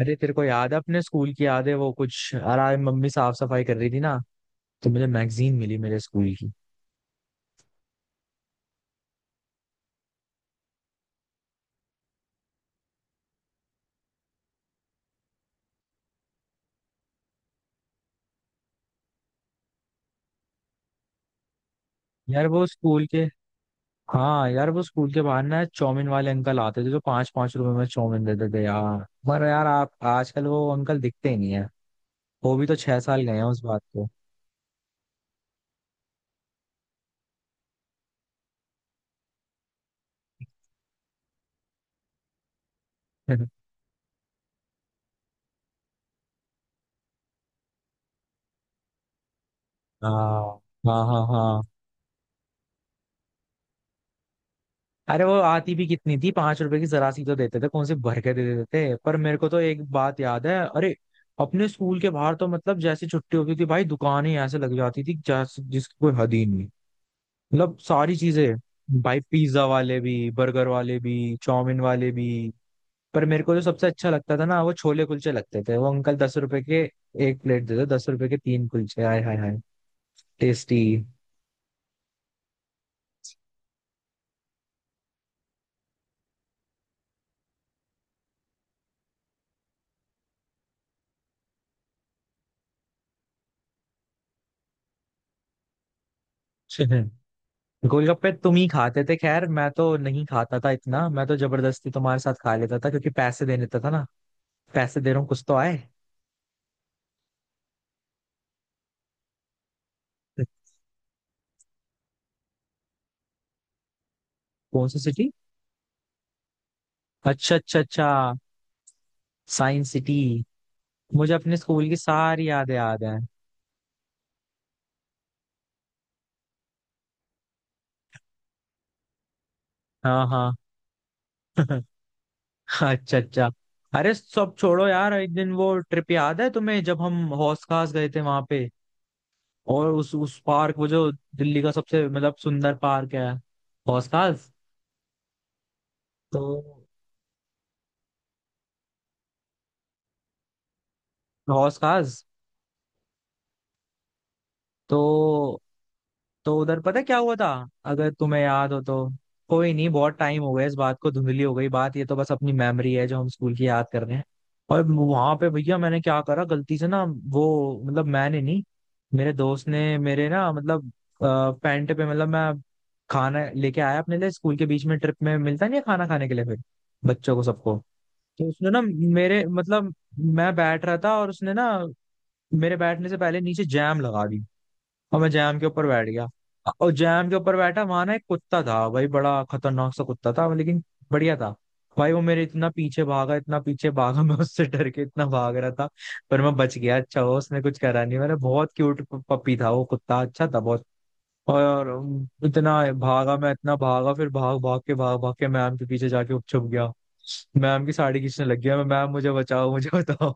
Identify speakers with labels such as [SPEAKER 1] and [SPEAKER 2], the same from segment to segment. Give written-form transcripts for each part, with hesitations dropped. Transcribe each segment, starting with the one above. [SPEAKER 1] अरे तेरे को याद है? अपने स्कूल की याद है वो कुछ? यार आज मम्मी साफ सफाई कर रही थी ना, तो मुझे मैगजीन मिली मेरे स्कूल की। यार वो स्कूल के, हाँ यार वो स्कूल के बाहर ना चौमिन वाले अंकल आते थे जो पांच पांच रुपए में चौमिन देते थे यार। पर यार आप आजकल वो अंकल दिखते ही नहीं है। वो भी तो छह साल गए हैं उस बात को। हाँ हाँ हाँ हाँ। अरे वो आती भी कितनी थी, पांच रुपए की जरा सी तो देते थे, कौन से भर के दे देते थे। पर मेरे को तो एक बात याद है, अरे अपने स्कूल के बाहर तो मतलब जैसे छुट्टी होती थी भाई, दुकानें ऐसे लग जाती थी जैसे जिसकी कोई हद ही नहीं। मतलब सारी चीजें, भाई पिज्जा वाले भी, बर्गर वाले भी, चाउमीन वाले भी। पर मेरे को जो सबसे अच्छा लगता था ना वो छोले कुलचे लगते थे। वो अंकल दस रुपए के एक प्लेट देते, दस रुपए के तीन कुलचे, हाय हाय हाय टेस्टी। गोलगप्पे तुम ही खाते थे, खैर मैं तो नहीं खाता था इतना, मैं तो जबरदस्ती तुम्हारे साथ खा लेता था क्योंकि पैसे दे देता था ना। पैसे दे रहा हूँ कुछ तो आए। कौन सी सिटी? अच्छा अच्छा अच्छा, साइंस सिटी। मुझे अपने स्कूल की सारी यादें याद हैं। हाँ हाँ। अच्छा अच्छा। अरे सब छोड़ो यार, एक दिन वो ट्रिप याद है तुम्हें जब हम हौस खास गए थे वहां पे, और उस पार्क, वो जो दिल्ली का सबसे मतलब सुंदर पार्क है, हौस खास। तो हौस खास। तो तो उधर पता है क्या हुआ था? अगर तुम्हें याद हो तो। कोई नहीं, बहुत टाइम हो गया इस बात को, धुंधली हो गई बात, ये तो बस अपनी मेमोरी है जो हम स्कूल की याद कर रहे हैं। और वहां पे भैया मैंने क्या करा गलती से ना, वो मतलब मैंने नहीं, मेरे दोस्त ने मेरे ना, मतलब पैंट पे, मतलब मैं खाना लेके आया अपने लिए स्कूल के, बीच में ट्रिप में मिलता नहीं है खाना खाने के लिए फिर बच्चों को, सबको। तो उसने ना मेरे, मतलब मैं बैठ रहा था और उसने ना मेरे बैठने से पहले नीचे जैम लगा दी, और मैं जैम के ऊपर बैठ गया। और जैम के ऊपर बैठा, वहां ना एक कुत्ता था भाई, बड़ा खतरनाक सा कुत्ता था, लेकिन बढ़िया था। भाई वो मेरे इतना पीछे भागा, इतना पीछे भागा मैं उससे डर के इतना भाग रहा था, पर मैं बच गया। अच्छा हो उसने कुछ करा नहीं, मैंने बहुत क्यूट पपी था वो कुत्ता, अच्छा था बहुत। और इतना भागा मैं, इतना भागा, फिर भाग भाग के, भाग भाग के मैम के पीछे जाके छुप गया। मैम की साड़ी खींचने लग गया, मैं, मैम मुझे बचाओ, मुझे बताओ।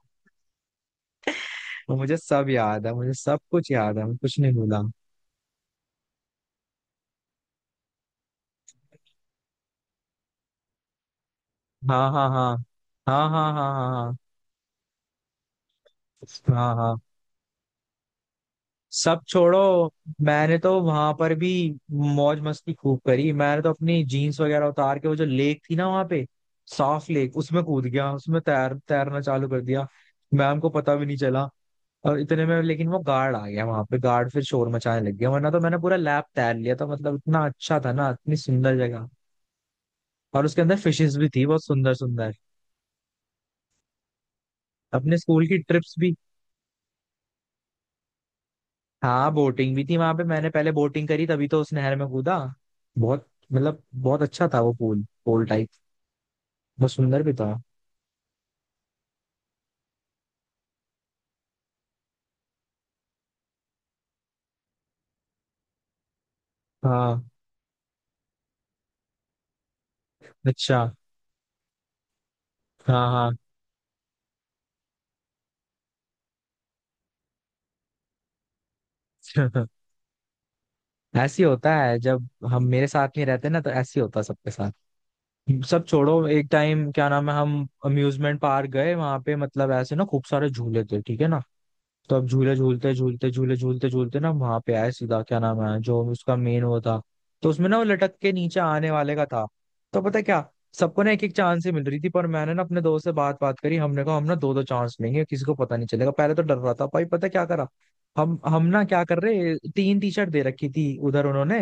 [SPEAKER 1] मुझे सब याद है, मुझे सब कुछ याद है, मैं कुछ नहीं भूला। हाँ हाँ हाँ। हाँ हाँ हाँ। हाँ हाँ हाँ हाँ। सब छोड़ो, मैंने तो वहां पर भी मौज मस्ती खूब करी। मैंने तो अपनी जीन्स वगैरह उतार के, वो जो लेक थी ना वहां पे, साफ लेक, उसमें कूद गया, उसमें तैर, तैरना चालू कर दिया। मैम को पता भी नहीं चला। और इतने में लेकिन वो गार्ड आ गया वहां पे, गार्ड फिर शोर मचाने लग गया, वरना तो मैंने पूरा लैब तैर लिया था। मतलब इतना अच्छा था ना, इतनी सुंदर जगह, और उसके अंदर फिशेस भी थी बहुत सुंदर सुंदर। अपने स्कूल की ट्रिप्स भी, हाँ बोटिंग भी थी वहां पे, मैंने पहले बोटिंग करी, तभी तो उस नहर में कूदा। बहुत मतलब बहुत अच्छा था वो पूल पूल टाइप, बहुत सुंदर भी था। हाँ। अच्छा। हाँ हाँ। ऐसी होता है जब हम, मेरे साथ नहीं रहते ना तो ऐसी होता है सबके साथ। सब छोड़ो, एक टाइम क्या नाम है हम अम्यूजमेंट पार्क गए वहां पे, मतलब ऐसे ना खूब सारे झूले थे, ठीक है ना? तो अब झूले झूलते झूलते, झूले झूलते झूलते ना वहां पे आए सीधा क्या नाम है जो उसका मेन वो था, तो उसमें ना वो लटक के नीचे आने वाले का था। तो पता है क्या, सबको ना एक एक चांस ही मिल रही थी, पर मैंने ना अपने दोस्त से बात बात करी, हमने कहा हम ना दो दो चांस लेंगे, किसी को पता नहीं चलेगा। पहले तो डर रहा था भाई, पता है क्या करा, हम ना क्या कर रहे, तीन टी शर्ट दे रखी थी उधर उन्होंने,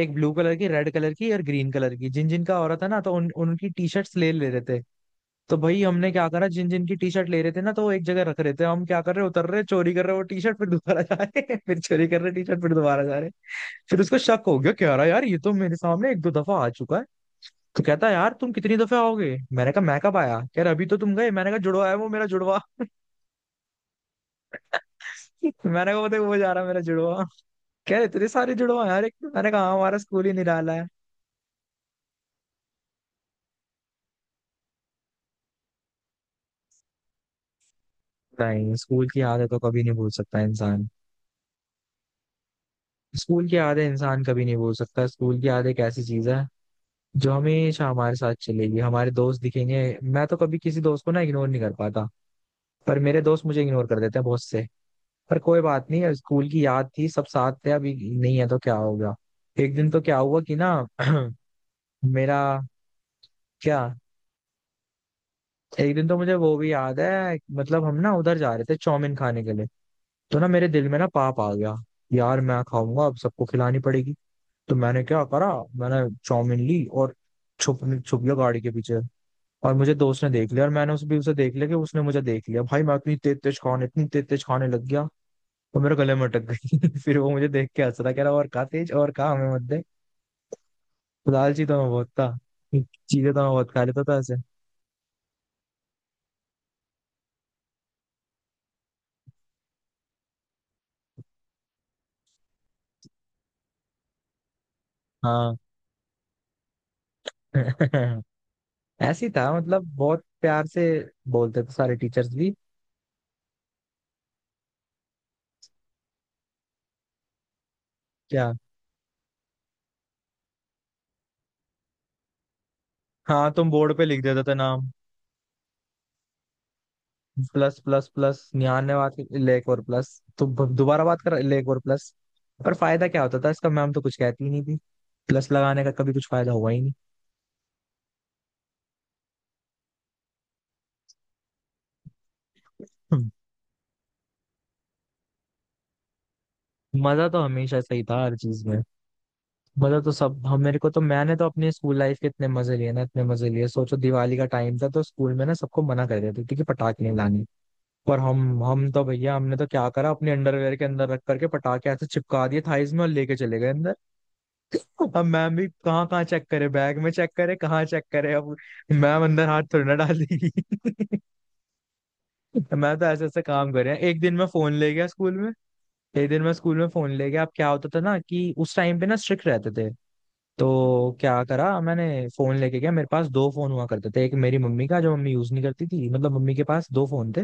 [SPEAKER 1] एक ब्लू कलर की, रेड कलर की, और ग्रीन कलर की, जिन जिन का हो रहा था ना तो उन उनकी टी शर्ट्स ले ले रहे थे। तो भाई हमने क्या करा, जिन जिन की टी शर्ट ले रहे थे ना तो वो एक जगह रख रहे थे, हम क्या कर रहे उतर रहे, चोरी कर रहे वो टी शर्ट, फिर दोबारा जा रहे। फिर चोरी कर रहे टी शर्ट, फिर दोबारा जा रहे। फिर उसको शक हो गया, कह रहा यार ये तो मेरे सामने एक दो दफा आ चुका है। तो कहता है यार तुम कितनी दफे आओगे, मैंने कहा मैं कब आया, कह रहा अभी तो तुम गए, मैंने कहा जुड़वा है वो, मेरा जुड़वा। मैंने कहा बताए वो जा रहा है, मेरा जुड़वा। कह रहे इतने सारे जुड़वा हैं यार, एक, मैंने कहा हाँ, हमारा स्कूल ही निराला है। नहीं, स्कूल की यादें तो कभी नहीं भूल सकता इंसान। स्कूल की यादें इंसान कभी नहीं भूल सकता, स्कूल की याद एक ऐसी चीज है जो हमेशा हमारे साथ चलेगी। हमारे दोस्त दिखेंगे, मैं तो कभी किसी दोस्त को ना इग्नोर नहीं कर पाता, पर मेरे दोस्त मुझे इग्नोर कर देते हैं बहुत से। पर कोई बात नहीं, स्कूल की याद थी, सब साथ थे, अभी नहीं है तो क्या होगा। एक दिन तो क्या हुआ कि ना मेरा। क्या? एक दिन तो मुझे वो भी याद है, मतलब हम ना उधर जा रहे थे चाउमीन खाने के लिए, तो ना मेरे दिल में ना पाप आ गया, यार मैं खाऊंगा अब, सबको खिलानी पड़ेगी। तो मैंने क्या करा, मैंने चाउमीन ली और छुप, छुप गया गाड़ी के पीछे। और मुझे दोस्त ने देख लिया, और मैंने उस भी उसे देख लिया कि उसने मुझे देख लिया। भाई मैं इतनी तेज तेज खाने, इतनी तेज तेज खाने लग गया, तो मेरे गले में अटक गई। फिर वो मुझे देख के हंस रहा, कह रहा और खा तेज, और खा, हमें मत दे। तो लालची तो मैं बहुत था, चीजें तो मैं बहुत खा लेता था ऐसे। हाँ। ऐसी था, मतलब बहुत प्यार से बोलते थे सारे टीचर्स भी। क्या? हाँ तुम बोर्ड पे लिख देते थे नाम, प्लस प्लस प्लस निहान ने बात की लेक और प्लस। तो दोबारा बात कर लेक और प्लस। पर फायदा क्या होता था इसका, मैम तो कुछ कहती ही नहीं थी। प्लस लगाने का कभी कुछ फायदा हुआ ही नहीं। हम्म। मजा तो हमेशा सही था हर चीज में। मजा तो सब हम, मेरे को तो, मैंने तो अपने स्कूल लाइफ के इतने मजे लिए ना, इतने मजे लिए। सोचो दिवाली का टाइम था तो स्कूल में ना सबको मना कर देते थे कि पटाखे नहीं लाने, पर हम तो भैया, हमने तो क्या करा अपने अंडरवेयर के अंदर रख करके पटाखे, ऐसे चिपका दिए थाईज में और लेके चले गए अंदर। अब मैम भी कहाँ कहाँ चेक करे, बैग में चेक करे, कहाँ चेक करे अब, मैम अंदर हाथ थोड़ी ना डाल देगी। मैं तो ऐसे ऐसे काम कर रहे हैं। एक दिन मैं फोन ले गया स्कूल में, एक दिन मैं स्कूल में फोन ले गया। अब क्या होता था ना कि उस टाइम पे ना स्ट्रिक्ट रहते थे, तो क्या करा मैंने, फोन लेके गया। मेरे पास दो फोन हुआ करते थे, एक मेरी मम्मी का जो मम्मी यूज नहीं करती थी, मतलब मम्मी के पास दो फोन थे,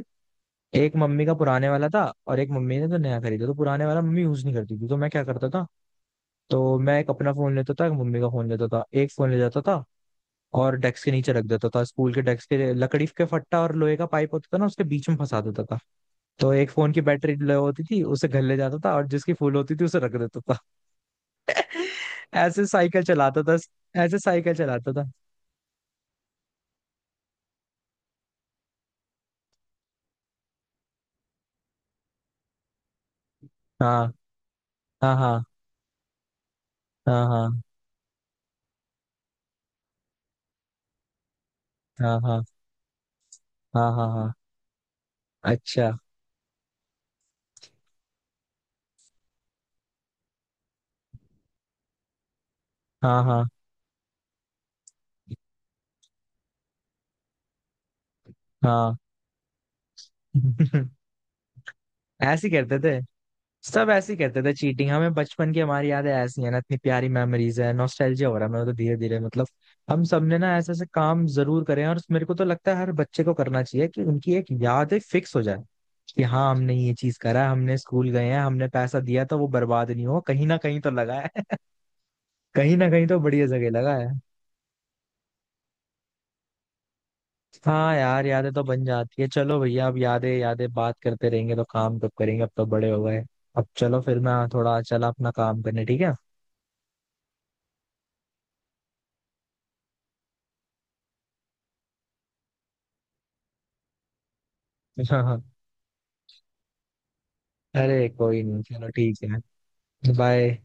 [SPEAKER 1] एक मम्मी का पुराने वाला था, और एक मम्मी ने तो नया खरीदा, तो पुराने वाला मम्मी यूज नहीं करती थी। तो मैं क्या करता था, तो मैं एक अपना फोन लेता था, एक मम्मी का फोन लेता था, एक फोन ले जाता था और डेस्क के नीचे रख देता था, स्कूल के डेस्क के लकड़ी के फट्टा और लोहे का पाइप होता था ना उसके बीच में फंसा देता था। तो एक फोन की बैटरी लो होती थी उसे घर ले जाता था, और जिसकी फुल होती थी उसे रख देता था। ऐसे साइकिल चलाता था, ऐसे साइकिल चलाता था। हाँ हाँ हाँ। हाँ हाँ हाँ हाँ। हाँ हाँ हाँ। अच्छा। हाँ हाँ हाँ। ऐसे ही करते थे, सब ऐसे ही कहते थे चीटिंग। हमें बचपन की, हमारी यादें ऐसी हैं ना, इतनी प्यारी मेमोरीज है, नॉस्टैल्जिया हो रहा है मेरे को तो धीरे धीरे। मतलब हम सबने ना ऐसे ऐसे काम जरूर करें, और मेरे को तो लगता है हर बच्चे को करना चाहिए कि उनकी एक याद फिक्स हो जाए कि हाँ हमने ये चीज करा है, हमने स्कूल गए हैं, हमने पैसा दिया तो वो बर्बाद नहीं हो, कहीं ना कहीं तो लगा है। कहीं ना कहीं तो बढ़िया जगह लगा है। हाँ यार यादें तो बन जाती है। चलो भैया अब यादें यादें बात करते रहेंगे तो काम कब करेंगे, अब तो बड़े हो गए। अब चलो फिर मैं थोड़ा चला अपना काम करने, ठीक है? अरे कोई नहीं, चलो ठीक है। बाय।